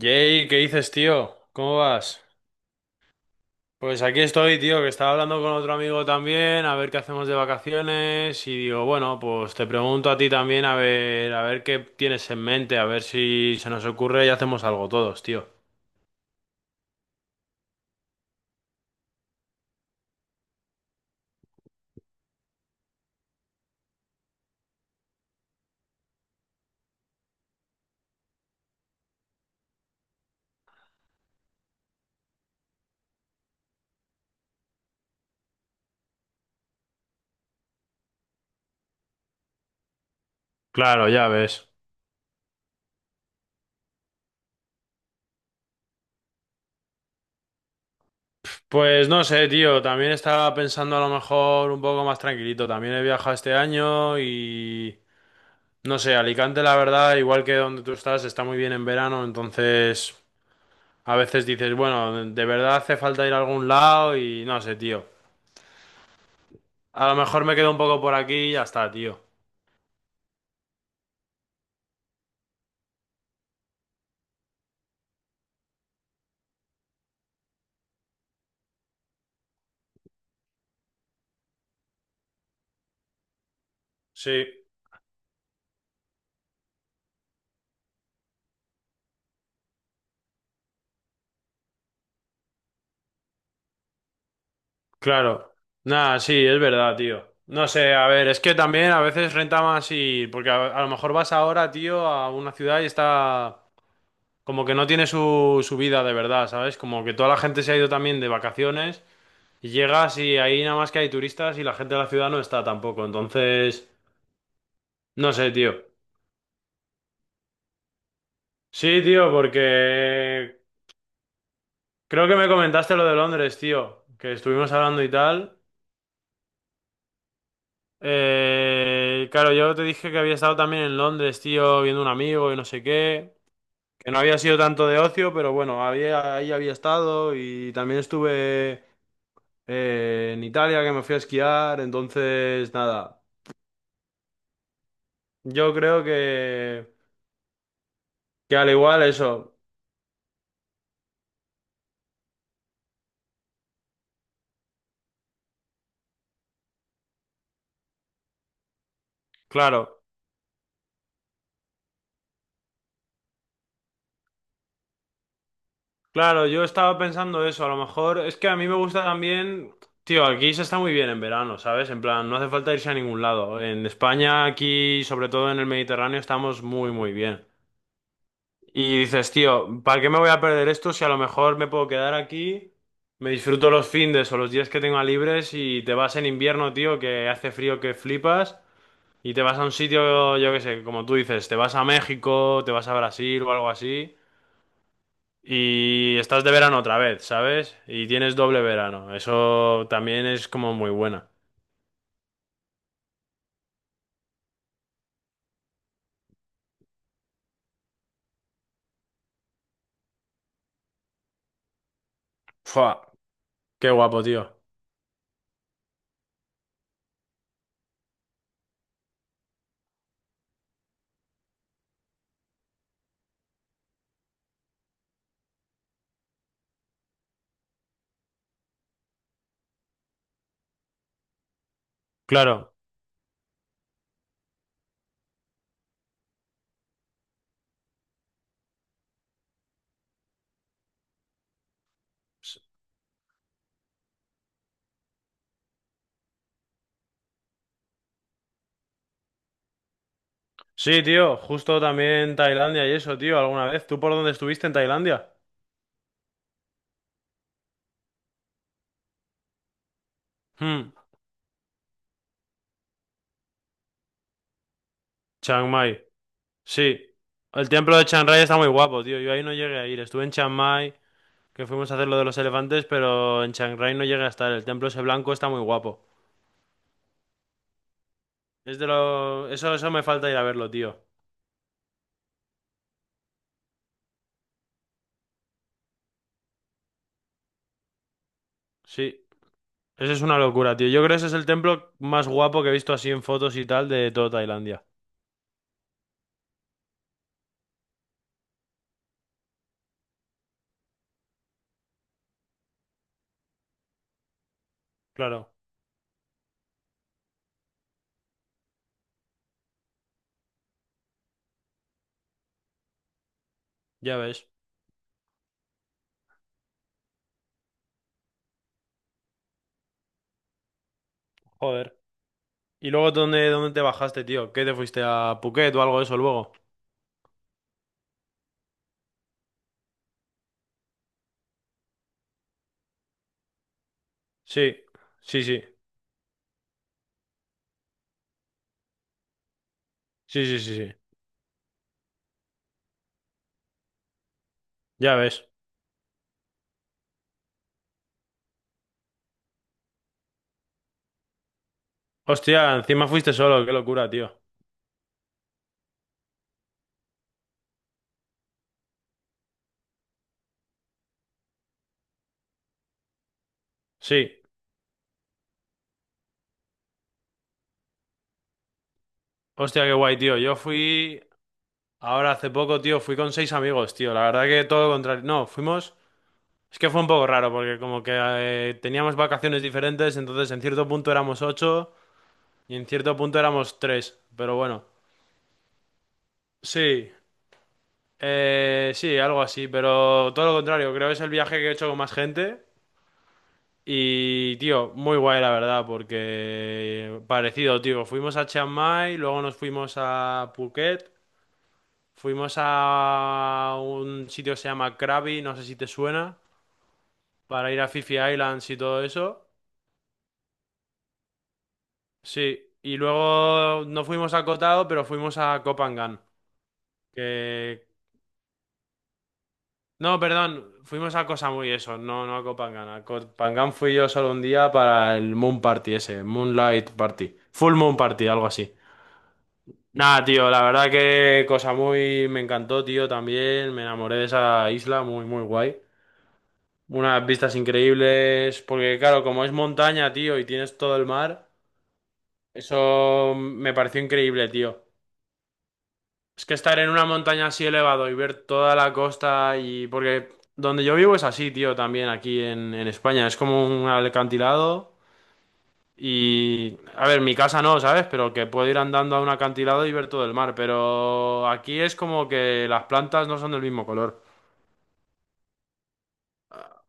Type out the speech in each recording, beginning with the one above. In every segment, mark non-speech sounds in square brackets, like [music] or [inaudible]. Jay, ¿qué dices, tío? ¿Cómo vas? Pues aquí estoy, tío, que estaba hablando con otro amigo también, a ver qué hacemos de vacaciones y digo, bueno, pues te pregunto a ti también, a ver qué tienes en mente, a ver si se nos ocurre y hacemos algo todos, tío. Claro, ya ves. Pues no sé, tío, también estaba pensando a lo mejor un poco más tranquilito. También he viajado este año y no sé, Alicante, la verdad, igual que donde tú estás, está muy bien en verano, entonces. A veces dices, bueno, de verdad hace falta ir a algún lado y no sé, tío. A lo mejor me quedo un poco por aquí y ya está, tío. Sí, claro. Nada, sí, es verdad, tío. No sé, a ver, es que también a veces renta más ir, porque a lo mejor vas ahora, tío, a una ciudad y está como que no tiene su vida de verdad, ¿sabes? Como que toda la gente se ha ido también de vacaciones y llegas y ahí nada más que hay turistas y la gente de la ciudad no está tampoco. Entonces, no sé, tío. Sí, tío, porque creo que me comentaste lo de Londres, tío, que estuvimos hablando y tal. Claro, yo te dije que había estado también en Londres, tío, viendo un amigo y no sé qué, que no había sido tanto de ocio, pero bueno, ahí había estado y también estuve en Italia, que me fui a esquiar, entonces nada, yo creo que al igual eso, claro. Claro, yo estaba pensando eso, a lo mejor es que a mí me gusta también, tío, aquí se está muy bien en verano, ¿sabes? En plan, no hace falta irse a ningún lado. En España, aquí, sobre todo en el Mediterráneo, estamos muy, muy bien. Y dices, tío, ¿para qué me voy a perder esto si a lo mejor me puedo quedar aquí, me disfruto los findes o los días que tenga libres y te vas en invierno, tío, que hace frío que flipas y te vas a un sitio, yo qué sé, como tú dices, te vas a México, te vas a Brasil o algo así. Y estás de verano otra vez, ¿sabes? Y tienes doble verano. Eso también es como muy buena. Fua, qué guapo, tío. Claro. S- Sí, tío, justo también Tailandia y eso, tío, alguna vez. ¿Tú por dónde estuviste en Tailandia? Hmm, Chiang Mai. Sí. El templo de Chiang Rai está muy guapo, tío. Yo ahí no llegué a ir. Estuve en Chiang Mai, que fuimos a hacer lo de los elefantes, pero en Chiang Rai no llegué a estar. El templo ese blanco está muy guapo. Eso, eso me falta ir a verlo, tío. Sí. Eso es una locura, tío. Yo creo que ese es el templo más guapo que he visto así en fotos y tal de toda Tailandia. Claro, ya ves. Joder. ¿Y luego dónde te bajaste, tío? ¿Qué te fuiste a Phuket o algo de eso luego? Sí, sí, sí. Sí, sí, sí, sí. Ya ves. Hostia, encima fuiste solo, qué locura, tío. Sí. Hostia, qué guay, tío. Yo fui ahora hace poco, tío, fui con seis amigos, tío. La verdad que todo lo contrario. No, fuimos. Es que fue un poco raro porque como que teníamos vacaciones diferentes, entonces en cierto punto éramos ocho. Y en cierto punto éramos tres, pero bueno. Sí, sí, algo así, pero todo lo contrario, creo que es el viaje que he hecho con más gente. Y, tío, muy guay la verdad, porque parecido, tío. Fuimos a Chiang Mai, luego nos fuimos a Phuket, fuimos a un sitio que se llama Krabi, no sé si te suena, para ir a Phi Phi Islands y todo eso. Sí, y luego no fuimos a Koh Tao, pero fuimos a Koh Phangan. Que No, perdón, fuimos a cosa muy eso, no, no a Copangán. A Copangán fui yo solo un día para el Moon Party ese, Moonlight Party, Full Moon Party, algo así. Nada, tío, la verdad que cosa muy me encantó, tío, también me enamoré de esa isla, muy, muy guay. Unas vistas increíbles, porque claro, como es montaña, tío, y tienes todo el mar, eso me pareció increíble, tío. Es que estar en una montaña así elevado y ver toda la costa y... Porque donde yo vivo es así, tío, también aquí en España. Es como un alcantilado y... A ver, mi casa no, ¿sabes? Pero que puedo ir andando a un acantilado y ver todo el mar. Pero aquí es como que las plantas no son del mismo color.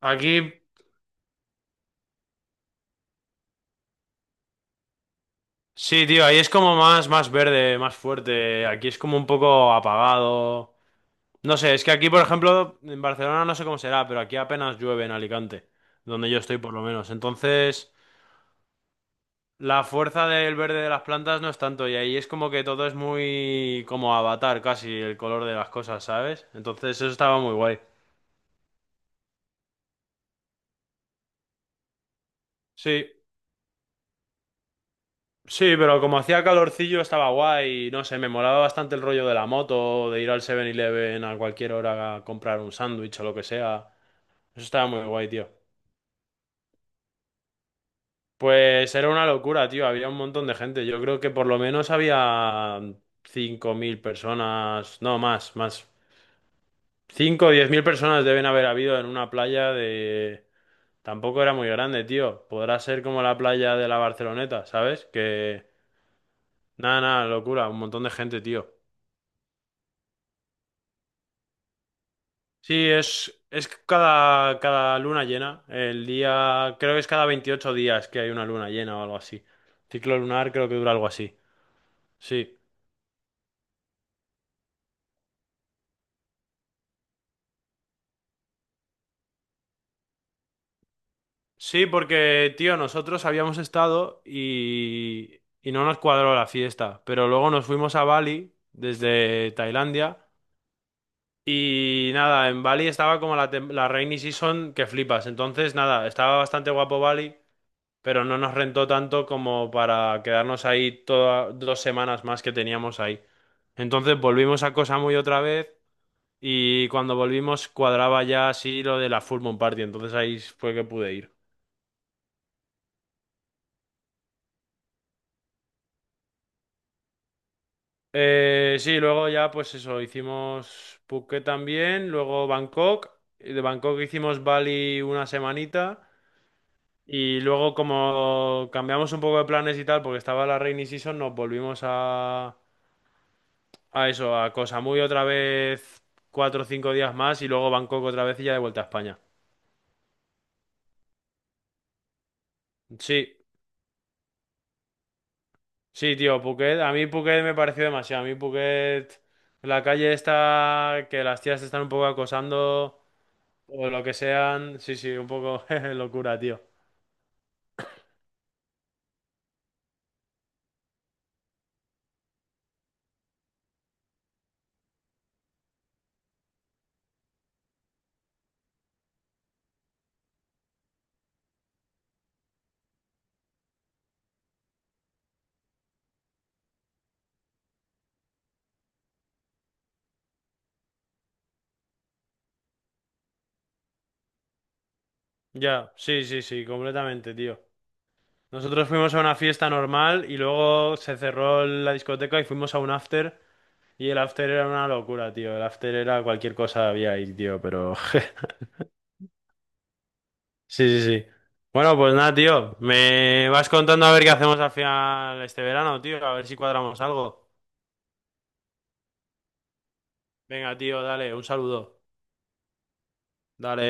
Aquí... Sí, tío, ahí es como más verde, más fuerte. Aquí es como un poco apagado. No sé, es que aquí, por ejemplo, en Barcelona no sé cómo será, pero aquí apenas llueve en Alicante, donde yo estoy por lo menos. Entonces, la fuerza del verde de las plantas no es tanto, y ahí es como que todo es muy como avatar casi el color de las cosas, ¿sabes? Entonces, eso estaba muy guay. Sí, sí, pero como hacía calorcillo estaba guay, y no sé, me molaba bastante el rollo de la moto, de ir al 7-Eleven a cualquier hora a comprar un sándwich o lo que sea. Eso estaba muy guay, tío. Pues era una locura, tío. Había un montón de gente. Yo creo que por lo menos había 5.000 personas. No, más, más. 5, o 10.000 personas deben haber habido en una playa de... Tampoco era muy grande, tío. Podrá ser como la playa de la Barceloneta, ¿sabes? Nada, nada, locura. Un montón de gente, tío. Sí, es cada luna llena. Creo que es cada 28 días que hay una luna llena o algo así. Ciclo lunar creo que dura algo así. Sí. Sí, porque, tío, nosotros habíamos estado y no nos cuadró la fiesta, pero luego nos fuimos a Bali desde Tailandia y nada, en Bali estaba como la rainy season que flipas, entonces nada, estaba bastante guapo Bali, pero no nos rentó tanto como para quedarnos ahí todas 2 semanas más que teníamos ahí. Entonces volvimos a Koh Samui otra vez y cuando volvimos cuadraba ya así lo de la Full Moon Party, entonces ahí fue que pude ir. Sí, luego ya pues eso, hicimos Phuket también, luego Bangkok, y de Bangkok hicimos Bali una semanita y luego como cambiamos un poco de planes y tal porque estaba la rainy season nos volvimos a eso, a Koh Samui otra vez 4 o 5 días más y luego Bangkok otra vez y ya de vuelta a España. Sí, sí, tío, Phuket, a mí Phuket me pareció demasiado, la calle está, que las tías te están un poco acosando. O lo que sean, sí, sí, un poco [laughs] jeje, locura, tío. Ya, sí, sí, sí, completamente, tío. Nosotros fuimos a una fiesta normal y luego se cerró la discoteca y fuimos a un after. Y el after era una locura, tío. El after era cualquier cosa había ahí, tío, pero... [laughs] Sí, sí, sí. Bueno, pues nada, tío. Me vas contando a ver qué hacemos al final este verano, tío. A ver si cuadramos algo. Venga, tío, dale, un saludo. Dale.